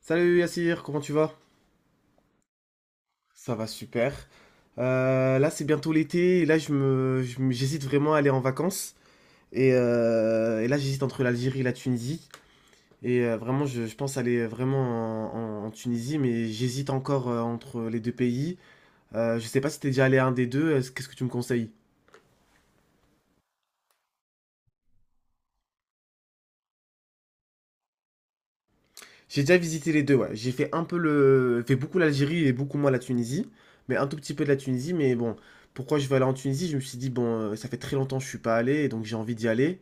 Salut Yassir, comment tu vas? Ça va super. Là c'est bientôt l'été et là j'hésite vraiment à aller en vacances. Et là j'hésite entre l'Algérie et la Tunisie. Et vraiment je pense aller vraiment en Tunisie, mais j'hésite encore entre les deux pays. Je sais pas si t'es déjà allé à un des deux, qu'est-ce que tu me conseilles? J'ai déjà visité les deux, ouais. J'ai fait un peu fait beaucoup l'Algérie et beaucoup moins la Tunisie, mais un tout petit peu de la Tunisie. Mais bon, pourquoi je vais aller en Tunisie? Je me suis dit bon, ça fait très longtemps que je suis pas allé, et donc j'ai envie d'y aller,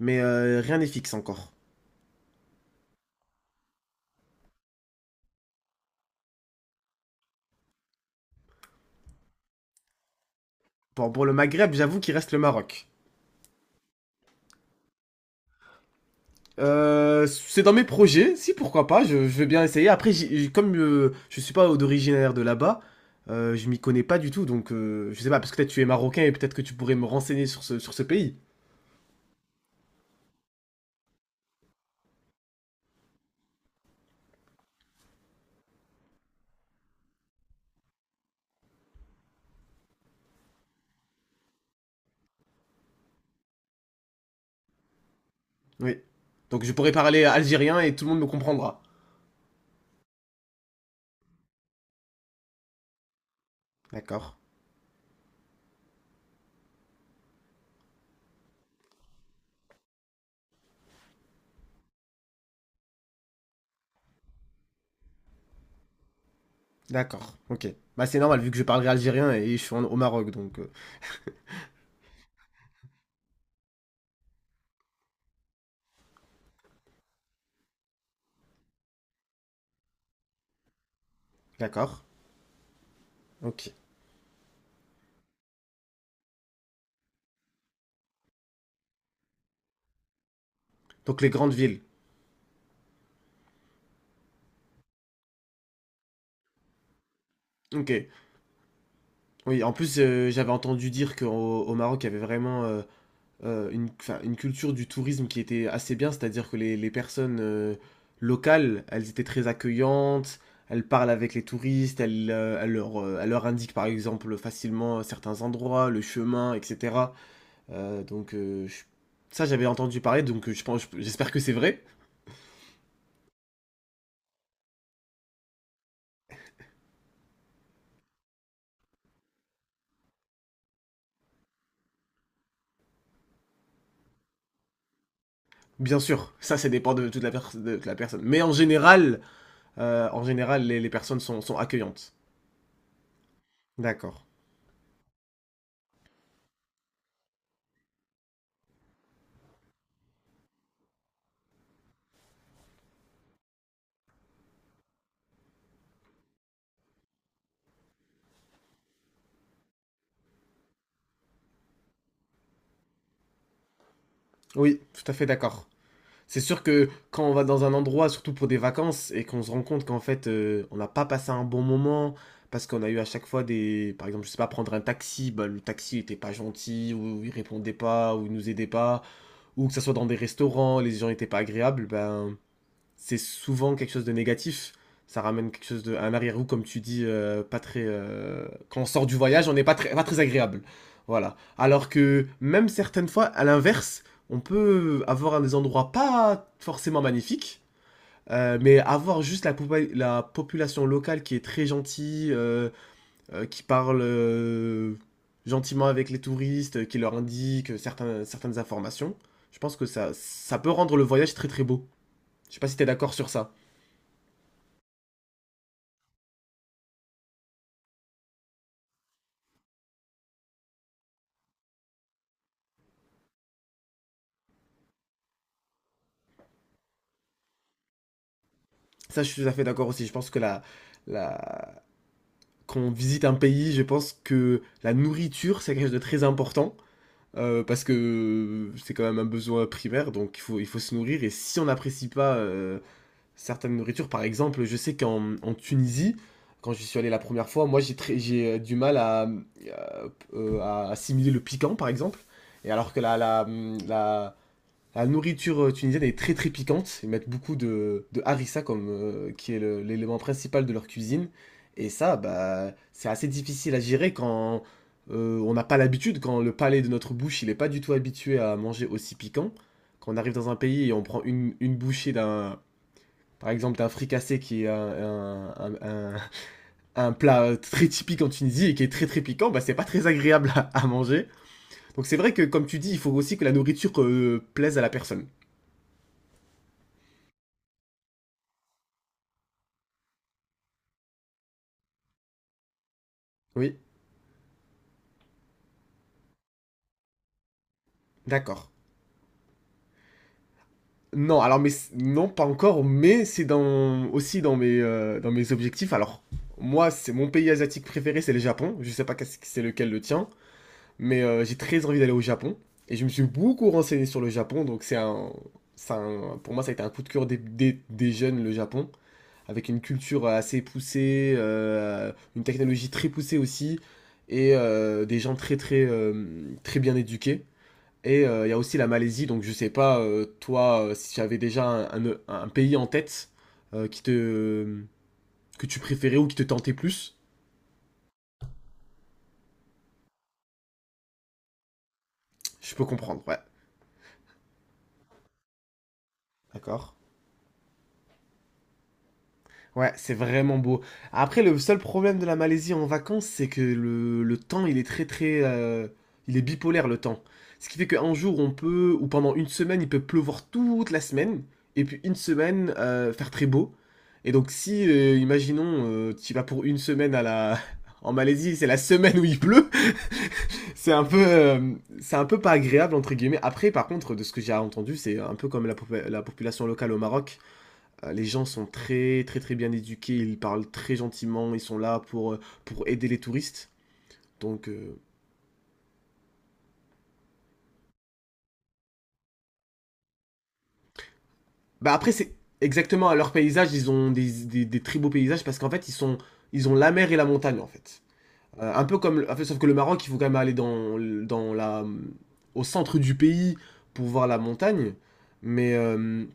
mais rien n'est fixe encore. Bon, pour le Maghreb, j'avoue qu'il reste le Maroc. C'est dans mes projets, si pourquoi pas, je veux bien essayer. Après, comme je suis pas d'originaire de là-bas, je m'y connais pas du tout, donc je sais pas. Parce que peut-être tu es marocain et peut-être que tu pourrais me renseigner sur ce pays. Oui. Donc je pourrais parler algérien et tout le monde me comprendra. D'accord. D'accord. Ok. Bah c'est normal vu que je parlerai algérien et je suis au Maroc donc. D'accord. Ok. Donc les grandes villes. Ok. Oui. En plus j'avais entendu dire qu'au Maroc il y avait vraiment enfin, une culture du tourisme qui était assez bien, c'est-à-dire que les personnes locales elles étaient très accueillantes. Elles parlent avec les touristes, elles leur indiquent par exemple facilement certains endroits, le chemin, etc. Donc ça j'avais entendu parler, donc je pense, j'espère que c'est vrai. Bien sûr, ça dépend de toute la personne. Mais en général, les personnes sont accueillantes. D'accord. Oui, tout à fait d'accord. C'est sûr que quand on va dans un endroit, surtout pour des vacances, et qu'on se rend compte qu'en fait on n'a pas passé un bon moment, parce qu'on a eu à chaque fois par exemple, je sais pas, prendre un taxi, bah, le taxi était pas gentil, ou il répondait pas, ou il nous aidait pas, ou que ça soit dans des restaurants, les gens étaient pas agréables, ben c'est souvent quelque chose de négatif. Ça ramène quelque chose de un arrière-goût, comme tu dis, pas très. Quand on sort du voyage, on n'est pas très, pas très agréable. Voilà. Alors que même certaines fois, à l'inverse, on peut avoir des endroits pas forcément magnifiques, mais avoir juste la population locale qui est très gentille, qui parle gentiment avec les touristes, qui leur indique certaines informations. Je pense que ça peut rendre le voyage très très beau. Je sais pas si t'es d'accord sur ça. Ça, je suis tout à fait d'accord aussi. Je pense que la... quand on visite un pays, je pense que la nourriture, c'est quelque chose de très important. Parce que c'est quand même un besoin primaire, donc il faut se nourrir. Et si on n'apprécie pas certaines nourritures, par exemple, je sais qu'en Tunisie, quand j'y suis allé la première fois, moi j'ai du mal à assimiler le piquant, par exemple. Et alors que la, la nourriture tunisienne est très très piquante. Ils mettent beaucoup de harissa comme qui est l'élément principal de leur cuisine. Et ça, bah, c'est assez difficile à gérer quand on n'a pas l'habitude, quand le palais de notre bouche, il n'est pas du tout habitué à manger aussi piquant. Quand on arrive dans un pays et on prend une bouchée par exemple, d'un fricassé qui est un plat très typique en Tunisie et qui est très très piquant, bah, c'est pas très agréable à manger. Donc c'est vrai que, comme tu dis, il faut aussi que la nourriture plaise à la personne. Oui. D'accord. Non, alors mais non, pas encore, mais c'est dans aussi dans mes objectifs. Alors moi, c'est mon pays asiatique préféré, c'est le Japon. Je sais pas qu'est-ce que c'est lequel le tien, mais j'ai très envie d'aller au Japon et je me suis beaucoup renseigné sur le Japon, donc pour moi ça a été un coup de cœur des jeunes le Japon, avec une culture assez poussée, une technologie très poussée aussi et des gens très très très bien éduqués. Il y a aussi la Malaisie, donc je sais pas, toi, si tu avais déjà un pays en tête euh, qui te, que tu préférais ou qui te tentait plus, je peux comprendre, ouais. D'accord. Ouais, c'est vraiment beau. Après, le seul problème de la Malaisie en vacances, c'est que le temps, il est très très il est bipolaire, le temps. Ce qui fait qu'un jour, on peut, ou pendant une semaine, il peut pleuvoir toute la semaine, et puis une semaine, faire très beau. Et donc si, imaginons, tu vas pour une semaine à la en Malaisie, c'est la semaine où il pleut. C'est un peu, pas agréable entre guillemets. Après, par contre, de ce que j'ai entendu, c'est un peu comme la population locale au Maroc. Les gens sont très très très bien éduqués, ils parlent très gentiment, ils sont là pour aider les touristes. Donc, bah après c'est exactement à leur paysage, ils ont des très beaux paysages parce qu'en fait ils ont la mer et la montagne en fait. Un peu comme, en fait, sauf que le Maroc, il faut quand même aller au centre du pays pour voir la montagne. Mais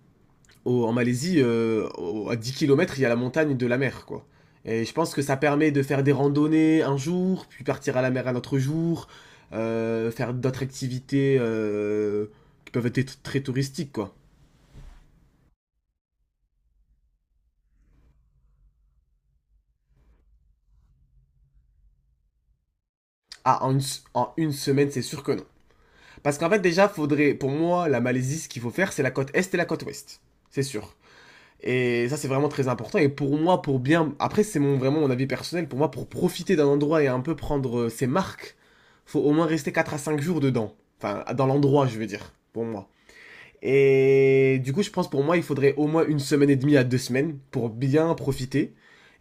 en Malaisie, à 10 kilomètres, il y a la montagne de la mer, quoi. Et je pense que ça permet de faire des randonnées un jour, puis partir à la mer un autre jour, faire d'autres activités qui peuvent être très touristiques, quoi. Ah, en une semaine, c'est sûr que non. Parce qu'en fait, déjà, faudrait, pour moi, la Malaisie, ce qu'il faut faire, c'est la côte est et la côte ouest. C'est sûr. Et ça, c'est vraiment très important. Et pour moi, pour bien. Après, c'est vraiment mon avis personnel. Pour moi, pour profiter d'un endroit et un peu prendre ses marques, faut au moins rester 4 à 5 jours dedans. Enfin, dans l'endroit, je veux dire, pour moi. Et du coup, je pense, pour moi, il faudrait au moins une semaine et demie à 2 semaines pour bien profiter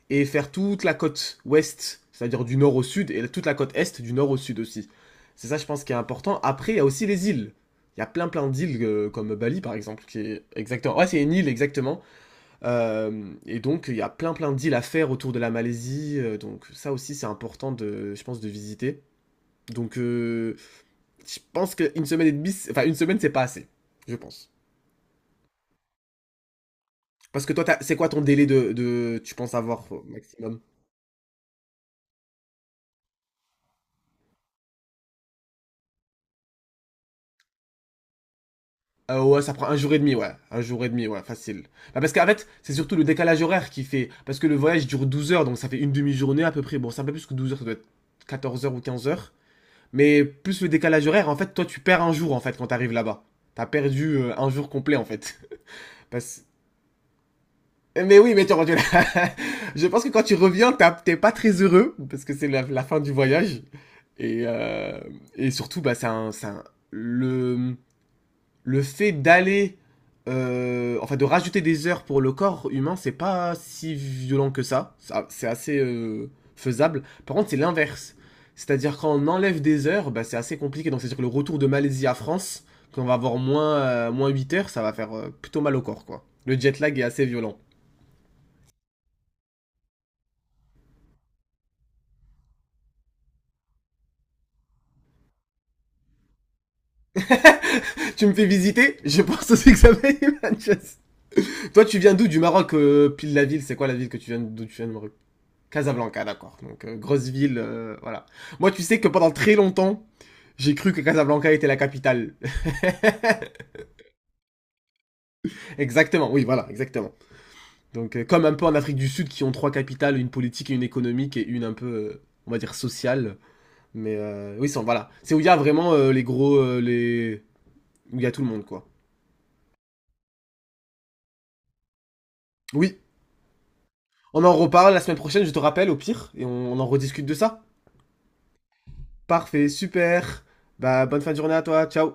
et faire toute la côte ouest, c'est-à-dire du nord au sud, et toute la côte est, du nord au sud aussi. C'est ça, je pense, qui est important. Après, il y a aussi les îles. Il y a plein plein d'îles, comme Bali par exemple, qui est exactement. Ouais, c'est une île exactement. Et donc, il y a plein plein de deals à faire autour de la Malaisie. Donc, ça aussi, c'est important, de, je pense, de visiter. Donc, je pense qu'une semaine et demie, enfin, une semaine, c'est pas assez, je pense. Parce que toi, c'est quoi ton délai de, tu penses avoir au maximum? Ouais, ça prend un jour et demi, ouais. Un jour et demi, ouais, facile. Bah, parce qu'en fait, c'est surtout le décalage horaire qui fait. Parce que le voyage dure 12 heures, donc ça fait une demi-journée à peu près. Bon, c'est un peu plus que 12 heures, ça doit être 14 heures ou 15 heures. Mais plus le décalage horaire, en fait, toi, tu perds un jour, en fait, quand t'arrives là-bas. T'as perdu un jour complet, en fait. Parce... Mais oui, mais tu vois, je pense que quand tu reviens, t'es pas très heureux, parce que c'est la fin du voyage. Et, euh, et surtout, bah, le, le fait d'aller, enfin de rajouter des heures pour le corps humain, c'est pas si violent que ça. Ça, c'est assez faisable. Par contre, c'est l'inverse. C'est-à-dire quand on enlève des heures, bah, c'est assez compliqué. Donc c'est-à-dire que le retour de Malaisie à France, quand on va avoir moins 8 heures, ça va faire plutôt mal au corps, quoi. Le jet lag est assez violent. Tu me fais visiter. Je pense aussi que ça va être Manchester. Toi, tu viens d'où? Du Maroc, pile la ville. C'est quoi la ville que tu viens, d'où tu viens du Maroc? Casablanca, d'accord. Donc, grosse ville, voilà. Moi, tu sais que pendant très longtemps, j'ai cru que Casablanca était la capitale. Exactement, oui, voilà, exactement. Donc, comme un peu en Afrique du Sud, qui ont trois capitales, une politique et une économique, et une un peu, on va dire, sociale. Mais oui, voilà. C'est où il y a vraiment les gros, les où il y a tout le monde, quoi. Oui, on en reparle la semaine prochaine, je te rappelle, au pire, et on en rediscute de ça. Parfait, super. Bah, bonne fin de journée à toi, ciao.